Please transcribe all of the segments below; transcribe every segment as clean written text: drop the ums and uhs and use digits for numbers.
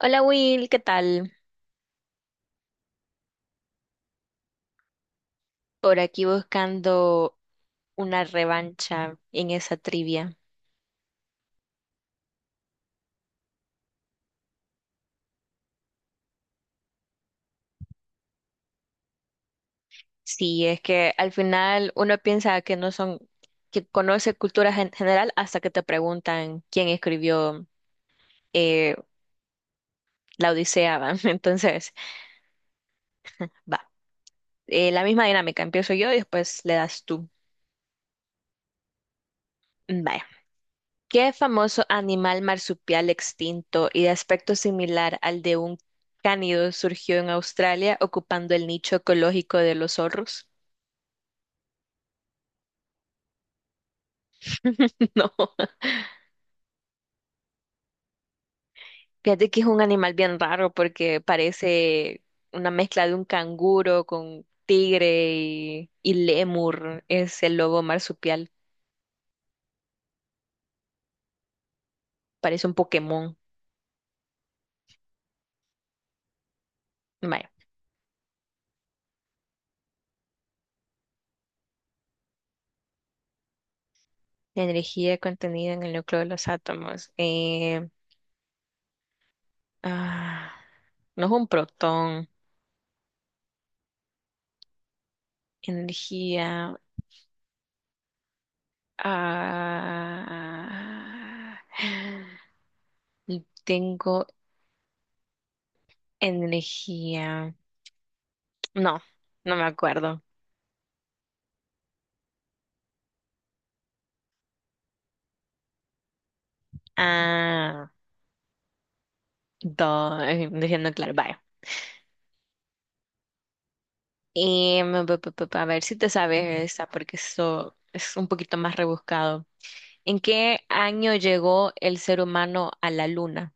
Hola Will, ¿qué tal? Por aquí buscando una revancha en esa trivia. Sí, es que al final uno piensa que no son, que conoce general hasta que te preguntan quién escribió eh, la Odisea, ¿va? Entonces, va. La misma dinámica, empiezo yo y después le das tú. Vaya. ¿Qué famoso animal marsupial extinto y de aspecto similar al de un cánido surgió en Australia ocupando el nicho ecológico de los zorros? No, fíjate que es un animal bien raro porque parece una mezcla de un canguro con tigre y lémur. Es el lobo marsupial, parece un Pokémon. Vaya, la energía contenida en el núcleo de los átomos. Ah, no es un protón. Energía. Ah, tengo energía. No, no me acuerdo. Ah. Dos, diciendo claro, vaya. Y a ver si te sabes esa, porque eso es un poquito más rebuscado. ¿En qué año llegó el ser humano a la luna?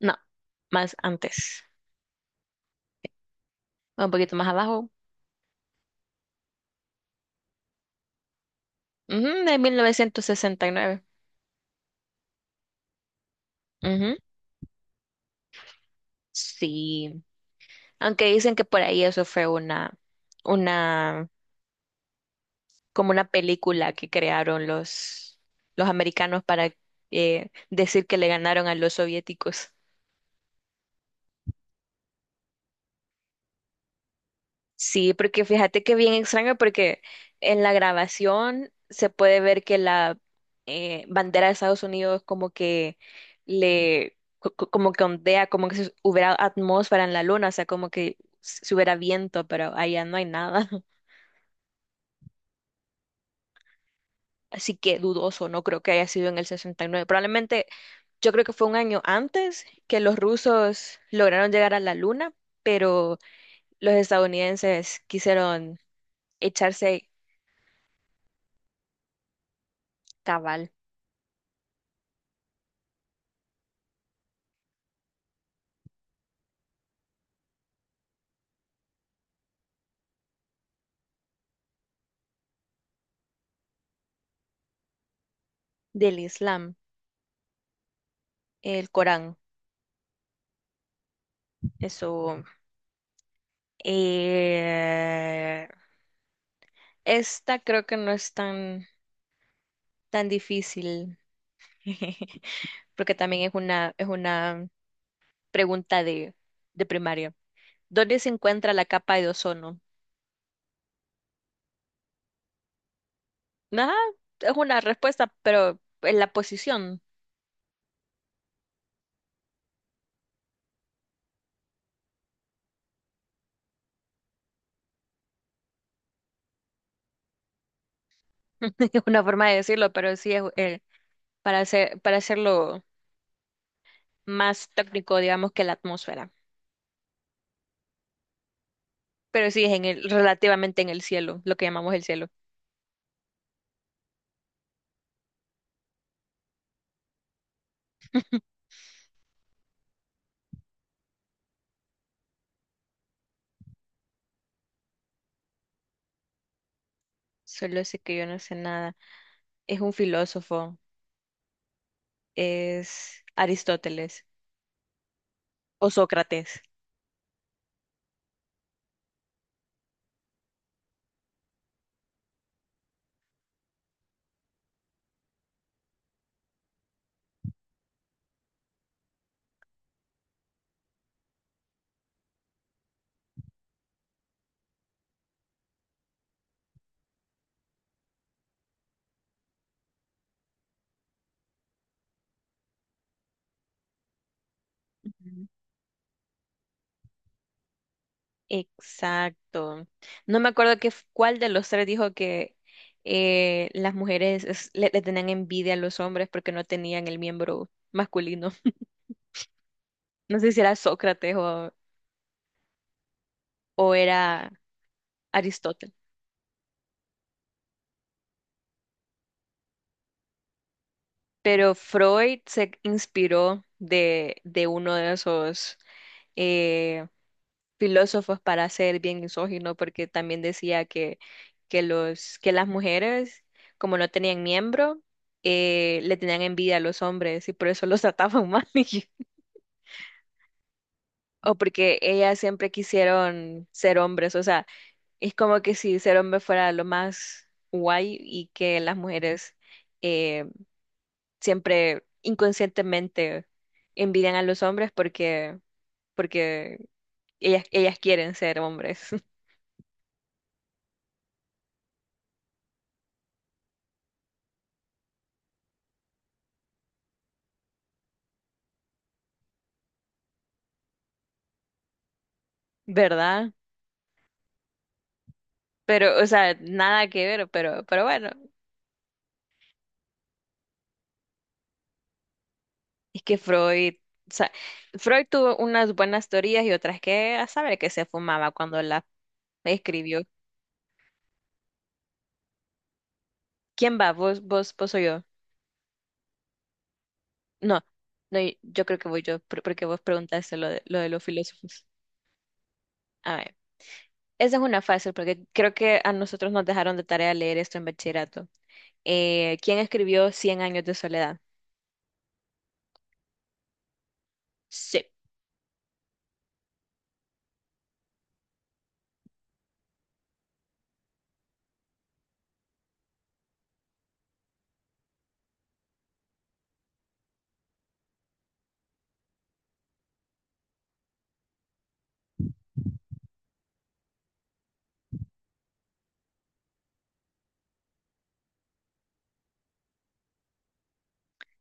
No, más antes. Un poquito más abajo. Ujú, de 1969. Ujú, sí. Aunque dicen que por ahí eso fue una, como una película que crearon los americanos para decir que le ganaron a los soviéticos. Sí, porque fíjate que bien extraño porque en la grabación se puede ver que la bandera de Estados Unidos como que como que ondea, como que si hubiera atmósfera en la luna, o sea, como que si hubiera viento, pero allá no hay nada. Así que dudoso, no creo que haya sido en el 69. Probablemente yo creo que fue un año antes que los rusos lograron llegar a la luna, pero los estadounidenses quisieron echarse cabal. Del Islam, el Corán. Eso. eh, esta creo que no es tan, tan difícil, porque también es una pregunta de primaria. ¿Dónde se encuentra la capa de ozono? Ajá, es una respuesta, pero en la posición. Es una forma de decirlo, pero sí es, para hacer, para hacerlo más técnico, digamos, que la atmósfera. Pero sí es en el, relativamente en el cielo, lo que llamamos el cielo. Solo sé que yo no sé nada. Es un filósofo, es Aristóteles o Sócrates. Ujú. Exacto. No me acuerdo qué, cuál de los tres dijo que las mujeres le tenían envidia a los hombres porque no tenían el miembro masculino. No sé si era Sócrates o era Aristóteles. Pero Freud se inspiró de uno de esos eh, filósofos para ser bien misógino, porque también decía que las mujeres, como no tenían miembro, le tenían envidia a los hombres y por eso los trataban mal. y- O porque ellas siempre quisieron ser hombres. O sea, es como que si ser hombre fuera lo más guay y que las mujeres eh, siempre inconscientemente envidian a los hombres porque, porque ellas quieren ser hombres, ¿verdad? Pero, o sea, nada que ver, pero bueno, es que Freud, o sea, Freud tuvo unas buenas teorías y otras que a saber que se fumaba cuando la escribió. ¿Quién va? Vos o yo? No, no, yo creo que voy yo, porque vos preguntaste lo de los filósofos. A ver, esa es una fácil, porque creo que a nosotros nos dejaron de tarea leer esto en bachillerato. ¿Quién escribió Cien años de soledad? Sí,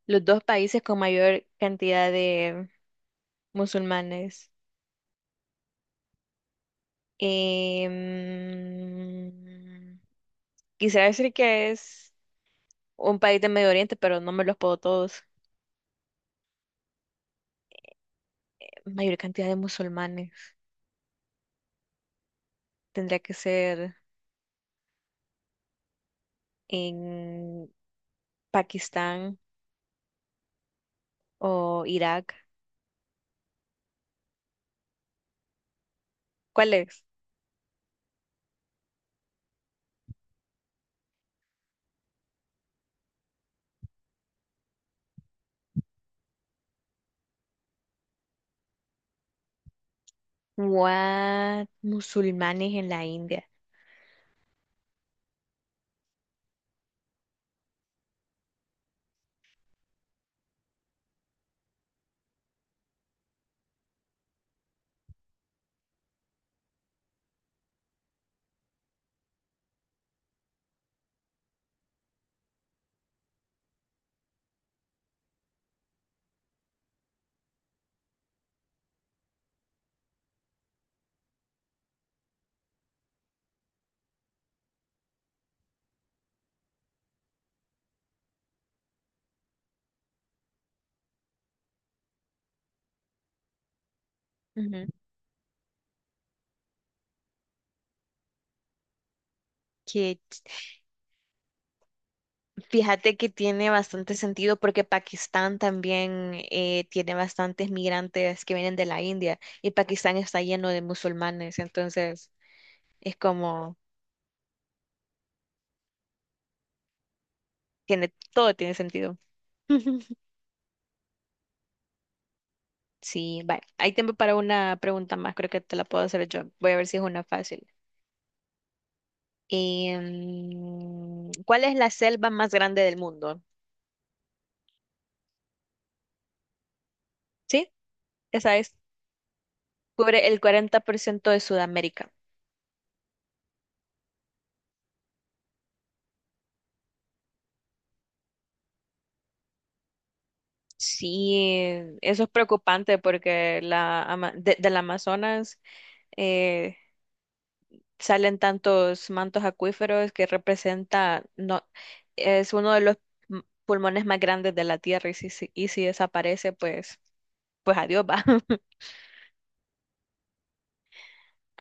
los dos países con mayor cantidad de musulmanes. Em, quisiera decir que es un país de Medio Oriente, pero no me los puedo todos. Mayor cantidad de musulmanes. Tendría que ser en Pakistán o Irak. ¿Cuál es? What? Musulmanes en la India. Ujú. Qué ch- Fíjate que tiene bastante sentido porque Pakistán también, tiene bastantes migrantes que vienen de la India y Pakistán está lleno de musulmanes, entonces es como, tiene, todo tiene sentido. Sí, vale. Hay tiempo para una pregunta más, creo que te la puedo hacer yo. Voy a ver si es una fácil. ¿Cuál es la selva más grande del mundo? Sí, esa es. Cubre el 40% de Sudamérica. Sí, eso es preocupante porque del Amazonas eh, salen tantos mantos acuíferos que representa, no, es uno de los pulmones más grandes de la Tierra y si desaparece, pues, pues adiós va.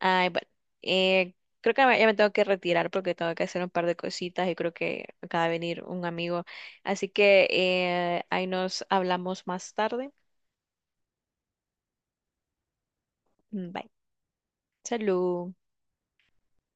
Ay, bueno, eh, creo que ya me tengo que retirar porque tengo que hacer un par de cositas y creo que acaba de venir un amigo. Así que, ahí nos hablamos más tarde. Mm, bye. Salud.